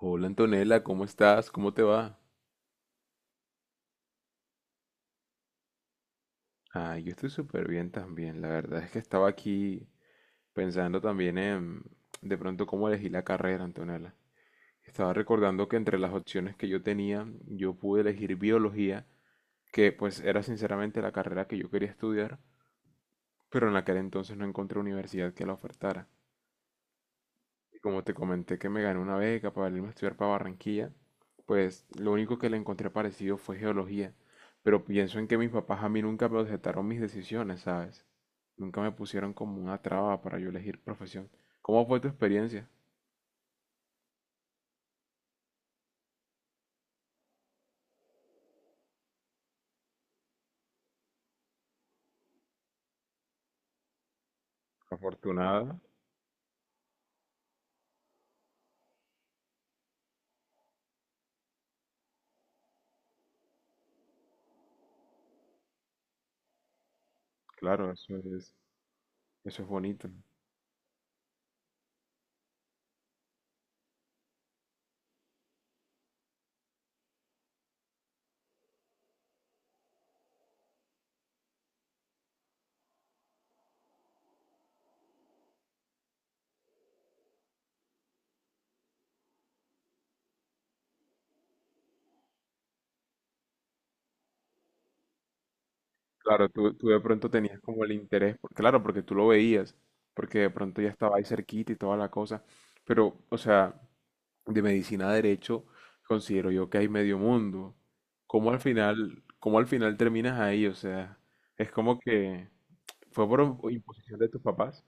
Hola Antonella, ¿cómo estás? ¿Cómo te va? Ah, yo estoy súper bien también. La verdad es que estaba aquí pensando también en de pronto cómo elegí la carrera, Antonella. Estaba recordando que entre las opciones que yo tenía, yo pude elegir biología, que pues era sinceramente la carrera que yo quería estudiar, pero en aquel entonces no encontré universidad que la ofertara. Y como te comenté que me gané una beca para irme a estudiar para Barranquilla, pues lo único que le encontré parecido fue geología. Pero pienso en que mis papás a mí nunca me objetaron mis decisiones, ¿sabes? Nunca me pusieron como una traba para yo elegir profesión. ¿Cómo fue tu experiencia? Afortunada, claro, eso es bonito. Claro, tú de pronto tenías como el interés, claro, porque tú lo veías, porque de pronto ya estaba ahí cerquita y toda la cosa. Pero, o sea, de medicina a derecho, considero yo que hay medio mundo. ¿Cómo al final terminas ahí? O sea, es como que fue por imposición de tus papás.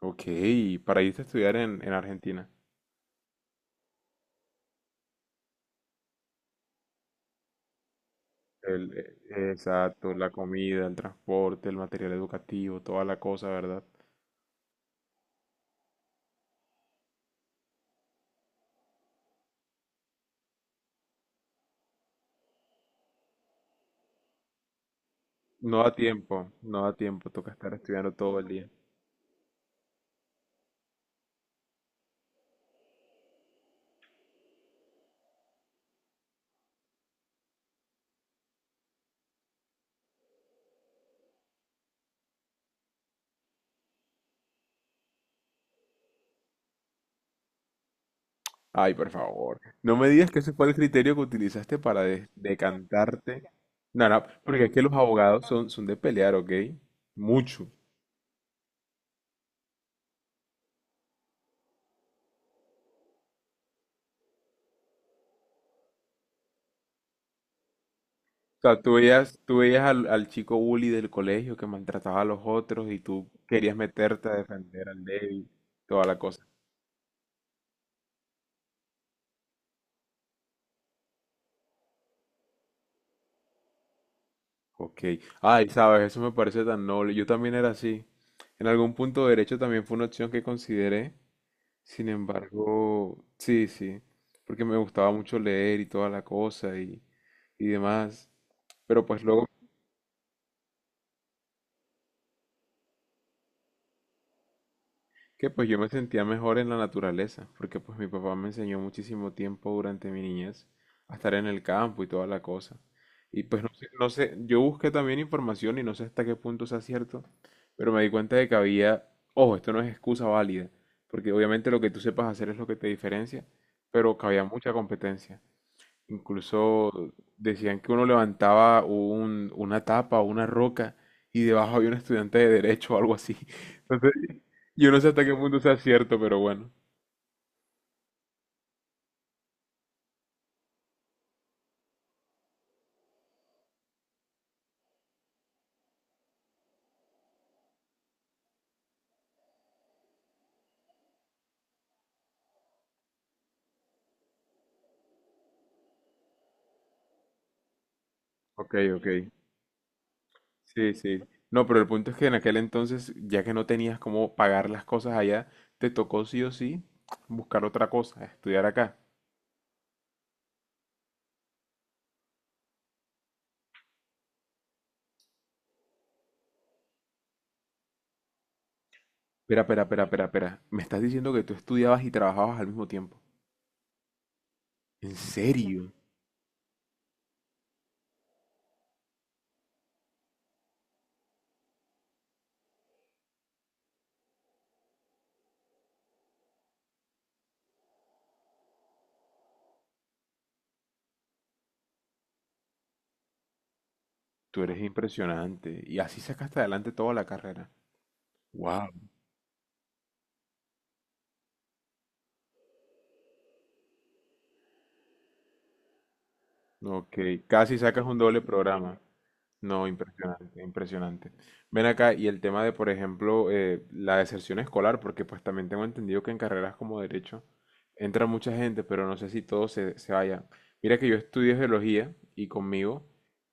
Ok, para irte a estudiar en Argentina. Exacto, la comida, el transporte, el material educativo, toda la cosa, ¿verdad? No da tiempo, no da tiempo, toca estar estudiando todo el día. Ay, por favor. No me digas que ese fue el criterio que utilizaste para decantarte. No, no, porque es que los abogados son de pelear, ¿ok? Mucho. O sea, tú veías al chico bully del colegio que maltrataba a los otros y tú querías meterte a defender al débil, toda la cosa. Ok. Ay, sabes, eso me parece tan noble. Yo también era así. En algún punto derecho también fue una opción que consideré. Sin embargo, sí, sí, porque me gustaba mucho leer y toda la cosa y demás. Pero pues luego que pues yo me sentía mejor en la naturaleza, porque pues mi papá me enseñó muchísimo tiempo durante mi niñez a estar en el campo y toda la cosa. Y pues no sé, yo busqué también información y no sé hasta qué punto sea cierto, pero me di cuenta de que había, ojo, esto no es excusa válida, porque obviamente lo que tú sepas hacer es lo que te diferencia, pero que había mucha competencia. Incluso decían que uno levantaba una tapa o una roca y debajo había un estudiante de derecho o algo así. Entonces, yo no sé hasta qué punto sea cierto, pero bueno. Ok, ok. Sí, sí. No, pero el punto es que en aquel entonces, ya que no tenías cómo pagar las cosas allá, te tocó sí o sí buscar otra cosa, estudiar acá. Espera, espera, espera, espera, espera. Me estás diciendo que tú estudiabas y trabajabas al mismo tiempo. ¿En, sí, serio? Tú eres impresionante. Y así sacaste adelante toda la carrera. Wow. Ok, casi sacas un doble programa. No, impresionante, impresionante. Ven acá, y el tema de, por ejemplo, la deserción escolar, porque pues también tengo entendido que en carreras como derecho entra mucha gente, pero no sé si todos se vayan. Mira que yo estudié geología y conmigo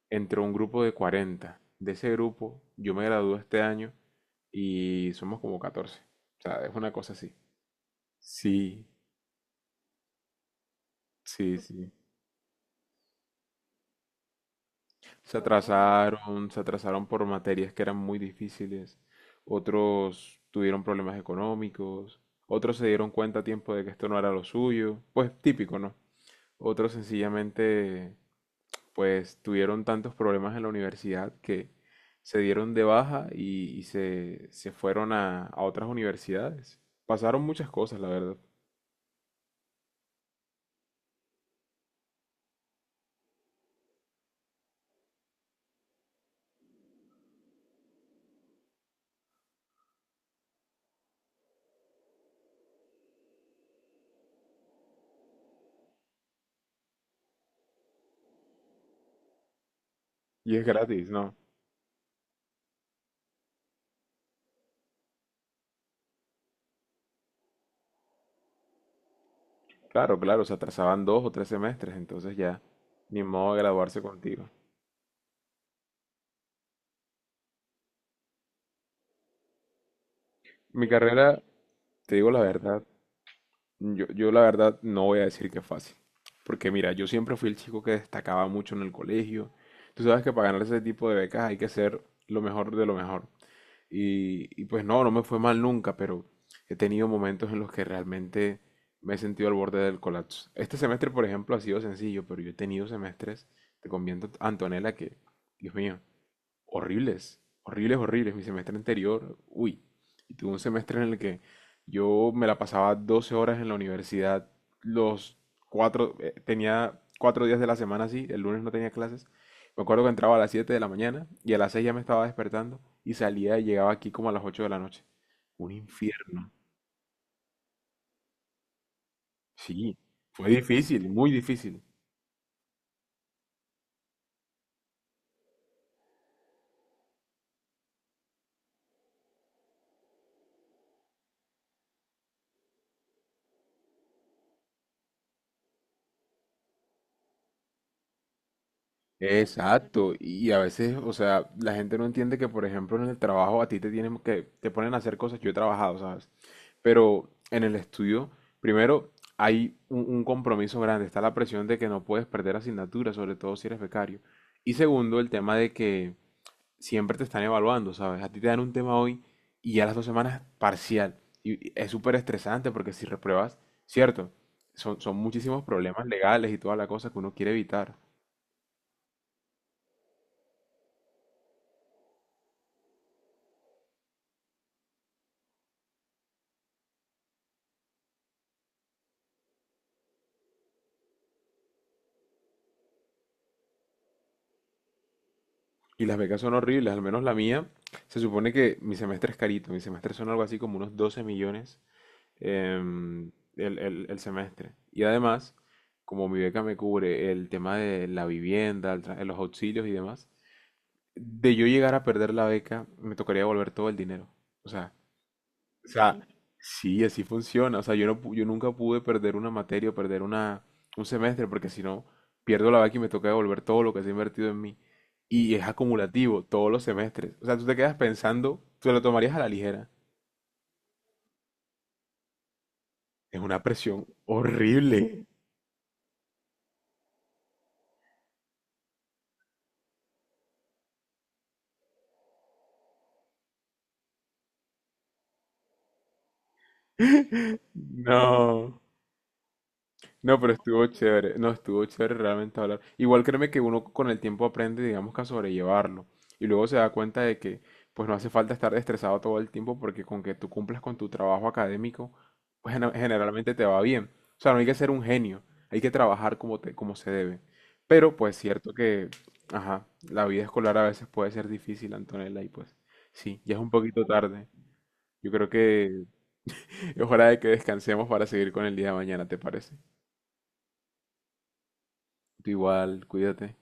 entró un grupo de 40. De ese grupo, yo me gradué este año y somos como 14. O sea, es una cosa así. Sí, sí, sí. Se atrasaron por materias que eran muy difíciles. Otros tuvieron problemas económicos. Otros se dieron cuenta a tiempo de que esto no era lo suyo. Pues típico, ¿no? Otros sencillamente, pues tuvieron tantos problemas en la universidad que se dieron de baja y se fueron a otras universidades. Pasaron muchas cosas, la verdad. Y es gratis, ¿no? Claro, claro, se atrasaban 2 o 3 semestres, entonces ya, ni modo de graduarse contigo. Mi carrera, te digo la verdad, yo la verdad no voy a decir que es fácil. Porque mira, yo siempre fui el chico que destacaba mucho en el colegio. Tú sabes que para ganar ese tipo de becas hay que ser lo mejor de lo mejor. Y pues no, no me fue mal nunca, pero he tenido momentos en los que realmente me he sentido al borde del colapso. Este semestre, por ejemplo, ha sido sencillo, pero yo he tenido semestres, te conviento, Antonella, que, Dios mío, horribles, horribles, horribles. Mi semestre anterior, uy, y tuve un semestre en el que yo me la pasaba 12 horas en la universidad, los tenía 4 días de la semana así, el lunes no tenía clases. Me acuerdo que entraba a las 7 de la mañana y a las 6 ya me estaba despertando y salía y llegaba aquí como a las 8 de la noche. Un infierno. Sí, fue difícil, muy difícil. Exacto, y a veces, o sea, la gente no entiende que, por ejemplo, en el trabajo a ti te ponen a hacer cosas, yo he trabajado, ¿sabes? Pero en el estudio, primero, hay un compromiso grande, está la presión de que no puedes perder asignaturas, sobre todo si eres becario. Y segundo, el tema de que siempre te están evaluando, ¿sabes? A ti te dan un tema hoy y ya las 2 semanas parcial. Y es súper estresante porque si repruebas, cierto, son muchísimos problemas legales y toda la cosa que uno quiere evitar. Y las becas son horribles, al menos la mía. Se supone que mi semestre es carito, mi semestre son algo así como unos 12 millones em, el semestre. Y además, como mi beca me cubre el tema de la vivienda, los auxilios y demás, de yo llegar a perder la beca, me tocaría devolver todo el dinero. O sea, o sea, sí, así funciona. O sea, yo no, pu- yo nunca pude perder una materia o perder un semestre, porque si no, pierdo la vaca y me toca devolver todo lo que se ha invertido en mí. Y es acumulativo, todos los semestres. O sea, tú te quedas pensando, tú lo tomarías a la ligera. Es una presión horrible. No. No, pero estuvo chévere, no, estuvo chévere realmente hablar. Igual créeme que uno con el tiempo aprende, digamos que a sobrellevarlo. Y luego se da cuenta de que pues no hace falta estar estresado todo el tiempo porque con que tú cumplas con tu trabajo académico, pues generalmente te va bien. O sea, no hay que ser un genio, hay que trabajar como se debe. Pero pues cierto que, ajá, la vida escolar a veces puede ser difícil, Antonella, y pues sí, ya es un poquito tarde. Yo creo que es hora de que descansemos para seguir con el día de mañana, ¿te parece? Tú igual, cuídate.